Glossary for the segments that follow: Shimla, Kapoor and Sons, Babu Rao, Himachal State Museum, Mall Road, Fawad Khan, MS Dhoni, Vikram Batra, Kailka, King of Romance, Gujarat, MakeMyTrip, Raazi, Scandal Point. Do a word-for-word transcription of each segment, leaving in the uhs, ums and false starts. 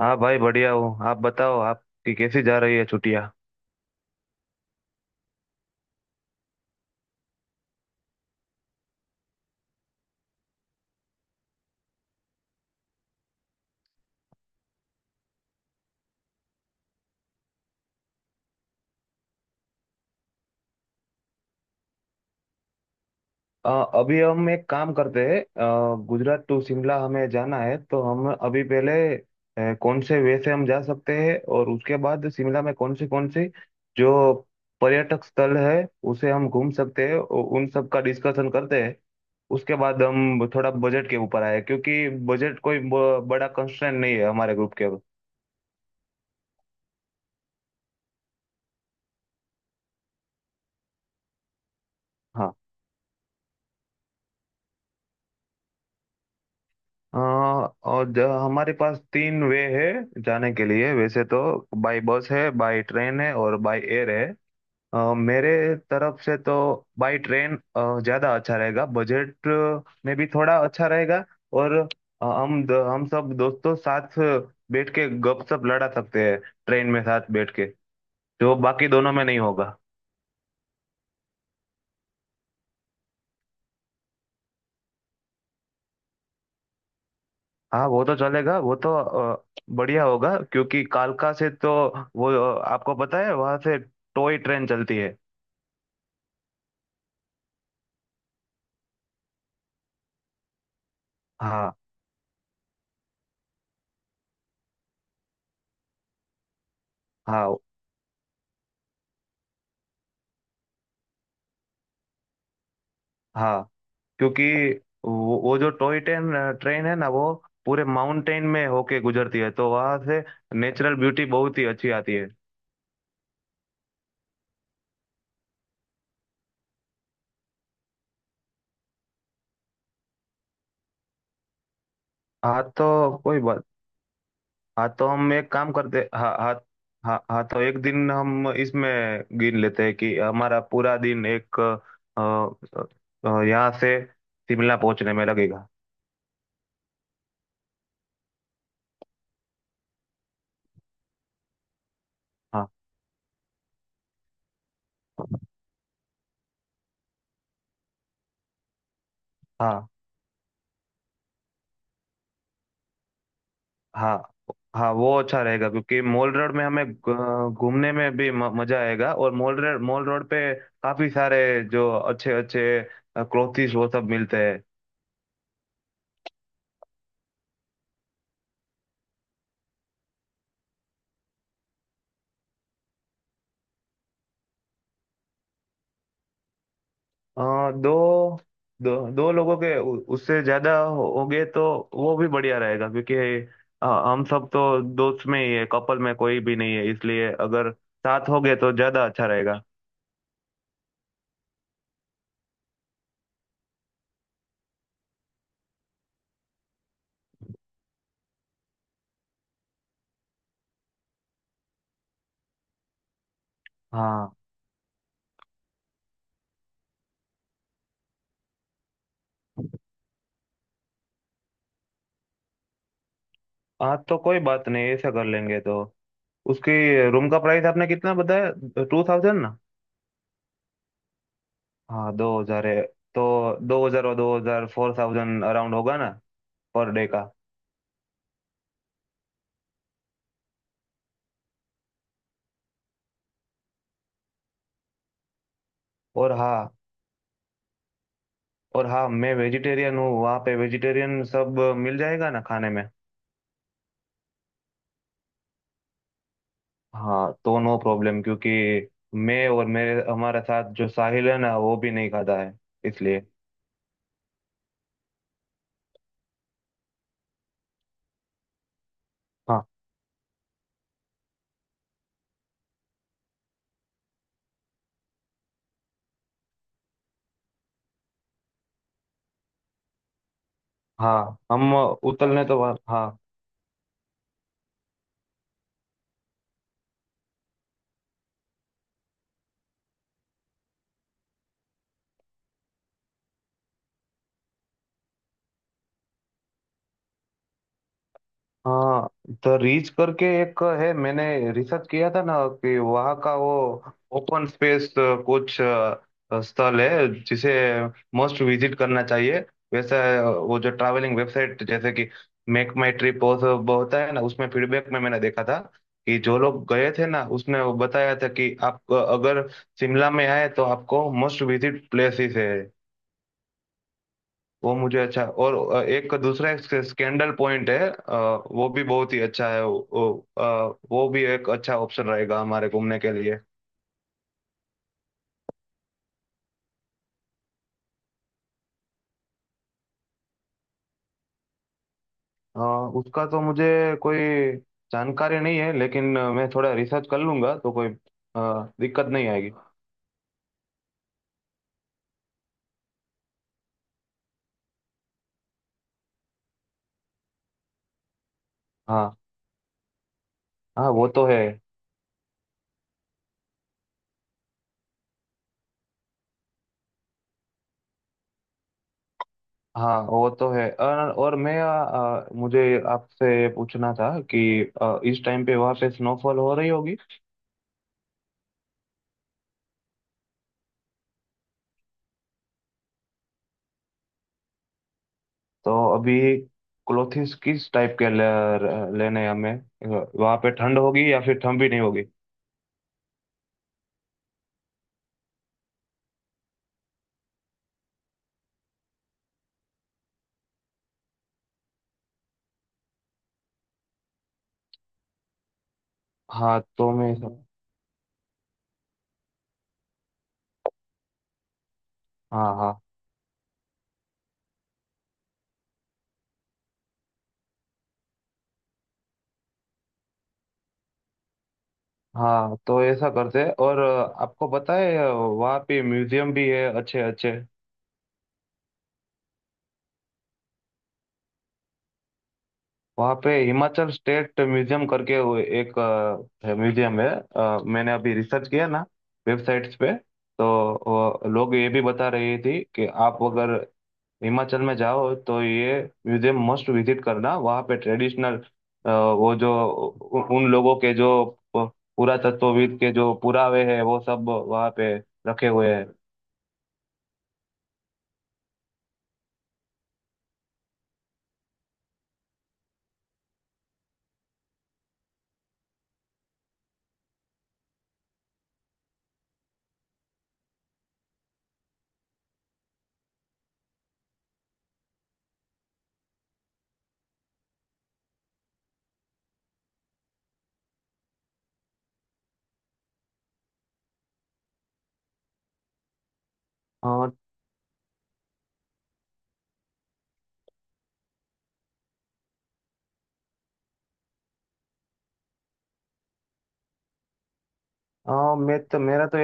हाँ भाई बढ़िया हूँ। आप बताओ, आपकी कैसी जा रही है छुट्टियाँ? अ, अभी हम एक काम करते हैं, अ, गुजरात टू शिमला हमें जाना है, तो हम अभी पहले अ, कौन से वे से हम जा सकते हैं, और उसके बाद शिमला में कौन सी कौन सी जो पर्यटक स्थल है उसे हम घूम सकते हैं, उ- उन सब का डिस्कशन करते हैं। उसके बाद हम थोड़ा बजट के ऊपर आए, क्योंकि बजट कोई ब- बड़ा कंस्ट्रेंट नहीं है हमारे ग्रुप के। हाँ। हाँ, और ज- हमारे पास तीन वे है जाने के लिए वैसे तो। बाय बस है, बाय ट्रेन है, और बाय एयर है। अ, मेरे तरफ से तो बाय ट्रेन ज़्यादा अच्छा रहेगा, बजट में भी थोड़ा अच्छा रहेगा। और अ, हम द- हम सब दोस्तों साथ बैठ के गपशप लड़ा सकते हैं ट्रेन में साथ बैठ के, जो बाकी दोनों में नहीं होगा। हाँ, वो तो चलेगा। वो तो अ, बढ़िया होगा, क्योंकि कालका से तो वो अ, आपको पता है, वहां से टॉय ट्रेन चलती है। हाँ। हाँ। हाँ, क्योंकि वो, वो जो टॉय ट्रेन ट्रेन है ना, वो पूरे माउंटेन में होके गुजरती है, तो वहां से नेचुरल ब्यूटी बहुत ही अच्छी आती है। हाँ तो कोई बात। हाँ तो हम एक काम करते, हाँ, हाँ। हाँ, हाँ, तो एक दिन हम इसमें गिन लेते हैं कि हमारा पूरा दिन एक अ, अ, यहाँ से शिमला पहुंचने में लगेगा। हाँ। हाँ। हाँ। हाँ, वो अच्छा रहेगा, क्योंकि मॉल रोड में हमें घ- घूमने में भी म- मजा आएगा, और मॉल रोड मॉल रोड पे काफी सारे जो अच्छे अच्छे क्लोथिस वो सब मिलते हैं। अ, दो दो दो लोगों के, उ- उससे ज्यादा हो हो गए तो वो भी बढ़िया रहेगा, क्योंकि अ, हम सब तो दोस्त में ही है, कपल में कोई भी नहीं है, इसलिए अगर साथ हो गए तो ज्यादा अच्छा रहेगा। हाँ, हाँ, तो कोई बात नहीं, ऐसा कर लेंगे तो। उसकी रूम का प्राइस आपने कितना बताया? Two thousand? हाँ, दो हजार है। तो दो हजार और दो हजार फोर थाउजेंड अराउंड होगा ना? पर डे का। और हाँ। और हाँ, मैं वेजिटेरियन हूँ, वहाँ पे वेजिटेरियन सब मिल जाएगा ना खाने में? हाँ तो नो प्रॉब्लम, क्योंकि मैं और मेरे हमारे साथ जो साहिल है ना, वो भी नहीं खाता है, इसलिए। हाँ, हाँ, हम उतलने तो, हाँ, हाँ। द रीच करके एक है, मैंने रिसर्च किया था ना, कि वहाँ का वो ओपन स्पेस कुछ अ, स्थल है जिसे मस्ट विजिट करना चाहिए, वैसा। अ, वो जो ट्रैवलिंग वेबसाइट जैसे कि मेक माई ट्रिप होता है ना, उसमें फीडबैक में मैंने देखा था कि जो लोग गए थे ना, उसने वो बताया था कि आप अ, अगर शिमला में आए तो आपको मस्ट विजिट प्लेसेस है। वो मुझे अच्छा। और अ, एक दूसरा एक स्कैंडल पॉइंट है, अ, वो भी बहुत ही अच्छा है। वो, अ, वो भी एक अच्छा ऑप्शन रहेगा हमारे घूमने के लिए। अ, उसका तो मुझे कोई जानकारी नहीं है, लेकिन अ, मैं थोड़ा रिसर्च कर लूंगा, तो कोई अ, दिक्कत नहीं आएगी। हाँ। हाँ, वो तो है। हाँ, वो तो है। और, और मैं अ, मुझे आपसे पूछना था कि अ, इस टाइम पे वहाँ पे स्नोफॉल हो रही होगी? तो अभी क्लोथिंग्स किस टाइप के ले, लेने हैं हमें? वहाँ पे ठंड होगी या फिर ठंड भी नहीं होगी? हाँ तो मैं ऐसा। हाँ, हाँ, हाँ, तो ऐसा करते हैं, और अ, आपको पता है अ, वहाँ पे म्यूजियम भी है अच्छे अच्छे। वहाँ पे हिमाचल स्टेट म्यूजियम करके वो एक अ, है, म्यूजियम है। अ, मैंने अभी रिसर्च किया ना वेबसाइट्स पे, तो अ, लोग ये भी बता रहे थे कि आप अगर हिमाचल में जाओ तो ये म्यूजियम मस्ट विजिट करना। वहाँ पे ट्रेडिशनल वो जो उ- उन लोगों के जो प- पुरातत्वविद के जो पुरावे हैं वो सब वहाँ पे रखे हुए हैं। और अ, मैं तो मेरा तो।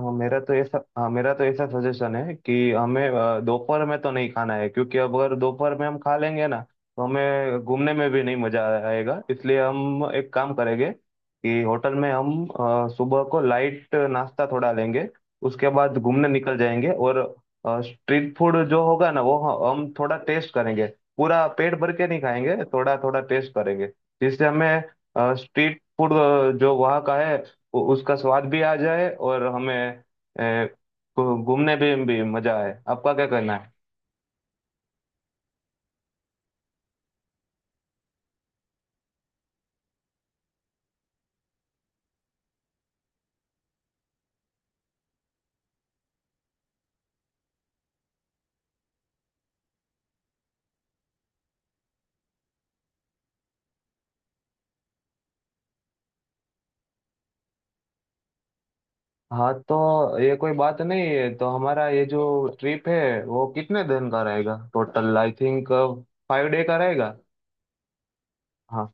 हाँ, मेरा तो ऐसा। हाँ, मेरा तो ऐसा सजेशन है कि हमें अ, दोपहर में तो नहीं खाना है, क्योंकि अब अगर दोपहर में हम खा लेंगे ना तो हमें घूमने में भी नहीं मजा आएगा। इसलिए हम एक काम करेंगे कि होटल में हम अ, सुबह को लाइट नाश्ता थोड़ा लेंगे, उसके बाद घूमने निकल जाएंगे। और स्ट्रीट फूड जो होगा ना, वो ह- हम थोड़ा टेस्ट करेंगे, पूरा पेट भर के नहीं खाएंगे, थोड़ा थोड़ा टेस्ट करेंगे, जिससे हमें स्ट्रीट फूड जो वहाँ का है उ- उसका स्वाद भी आ जाए, और हमें ए, घू- घूमने भी, भी मजा आए। आपका क्या कहना है? हाँ, तो ये कोई बात नहीं है। तो हमारा ये जो ट्रिप है वो कितने दिन का रहेगा total? I think five day का रहेगा। हाँ।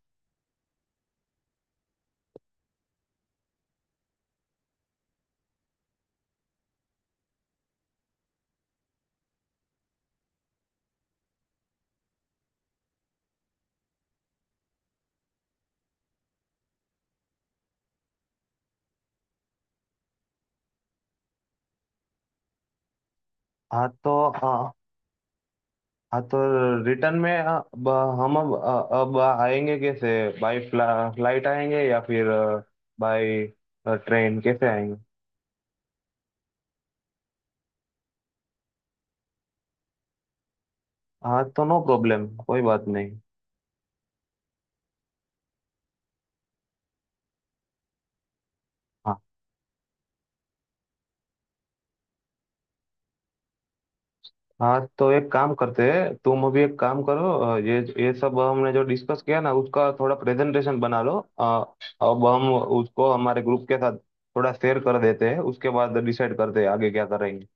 हाँ तो अ, हाँ तो रिटर्न में अ, अब हम अब अ, अब आएंगे कैसे, बाय फ्ला, फ्लाइट आएंगे या फिर बाय ट्रेन कैसे आएंगे? हाँ तो नो प्रॉब्लम, कोई बात नहीं। हाँ, हाँ, तो एक काम करते हैं, तुम अभी एक काम करो, अ, ये ये सब हमने जो डिस्कस किया ना उसका थोड़ा प्रेजेंटेशन बना लो, अ, अब हम उसको हमारे ग्रुप के साथ थोड़ा शेयर कर देते हैं, उसके बाद डिसाइड करते हैं आगे क्या करेंगे।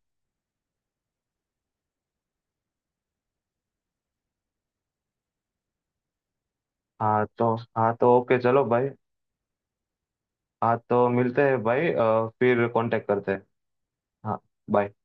हाँ तो, हाँ तो ओके, चलो भाई। हाँ तो मिलते हैं भाई, अ, फिर कांटेक्ट करते हैं। हाँ। bye।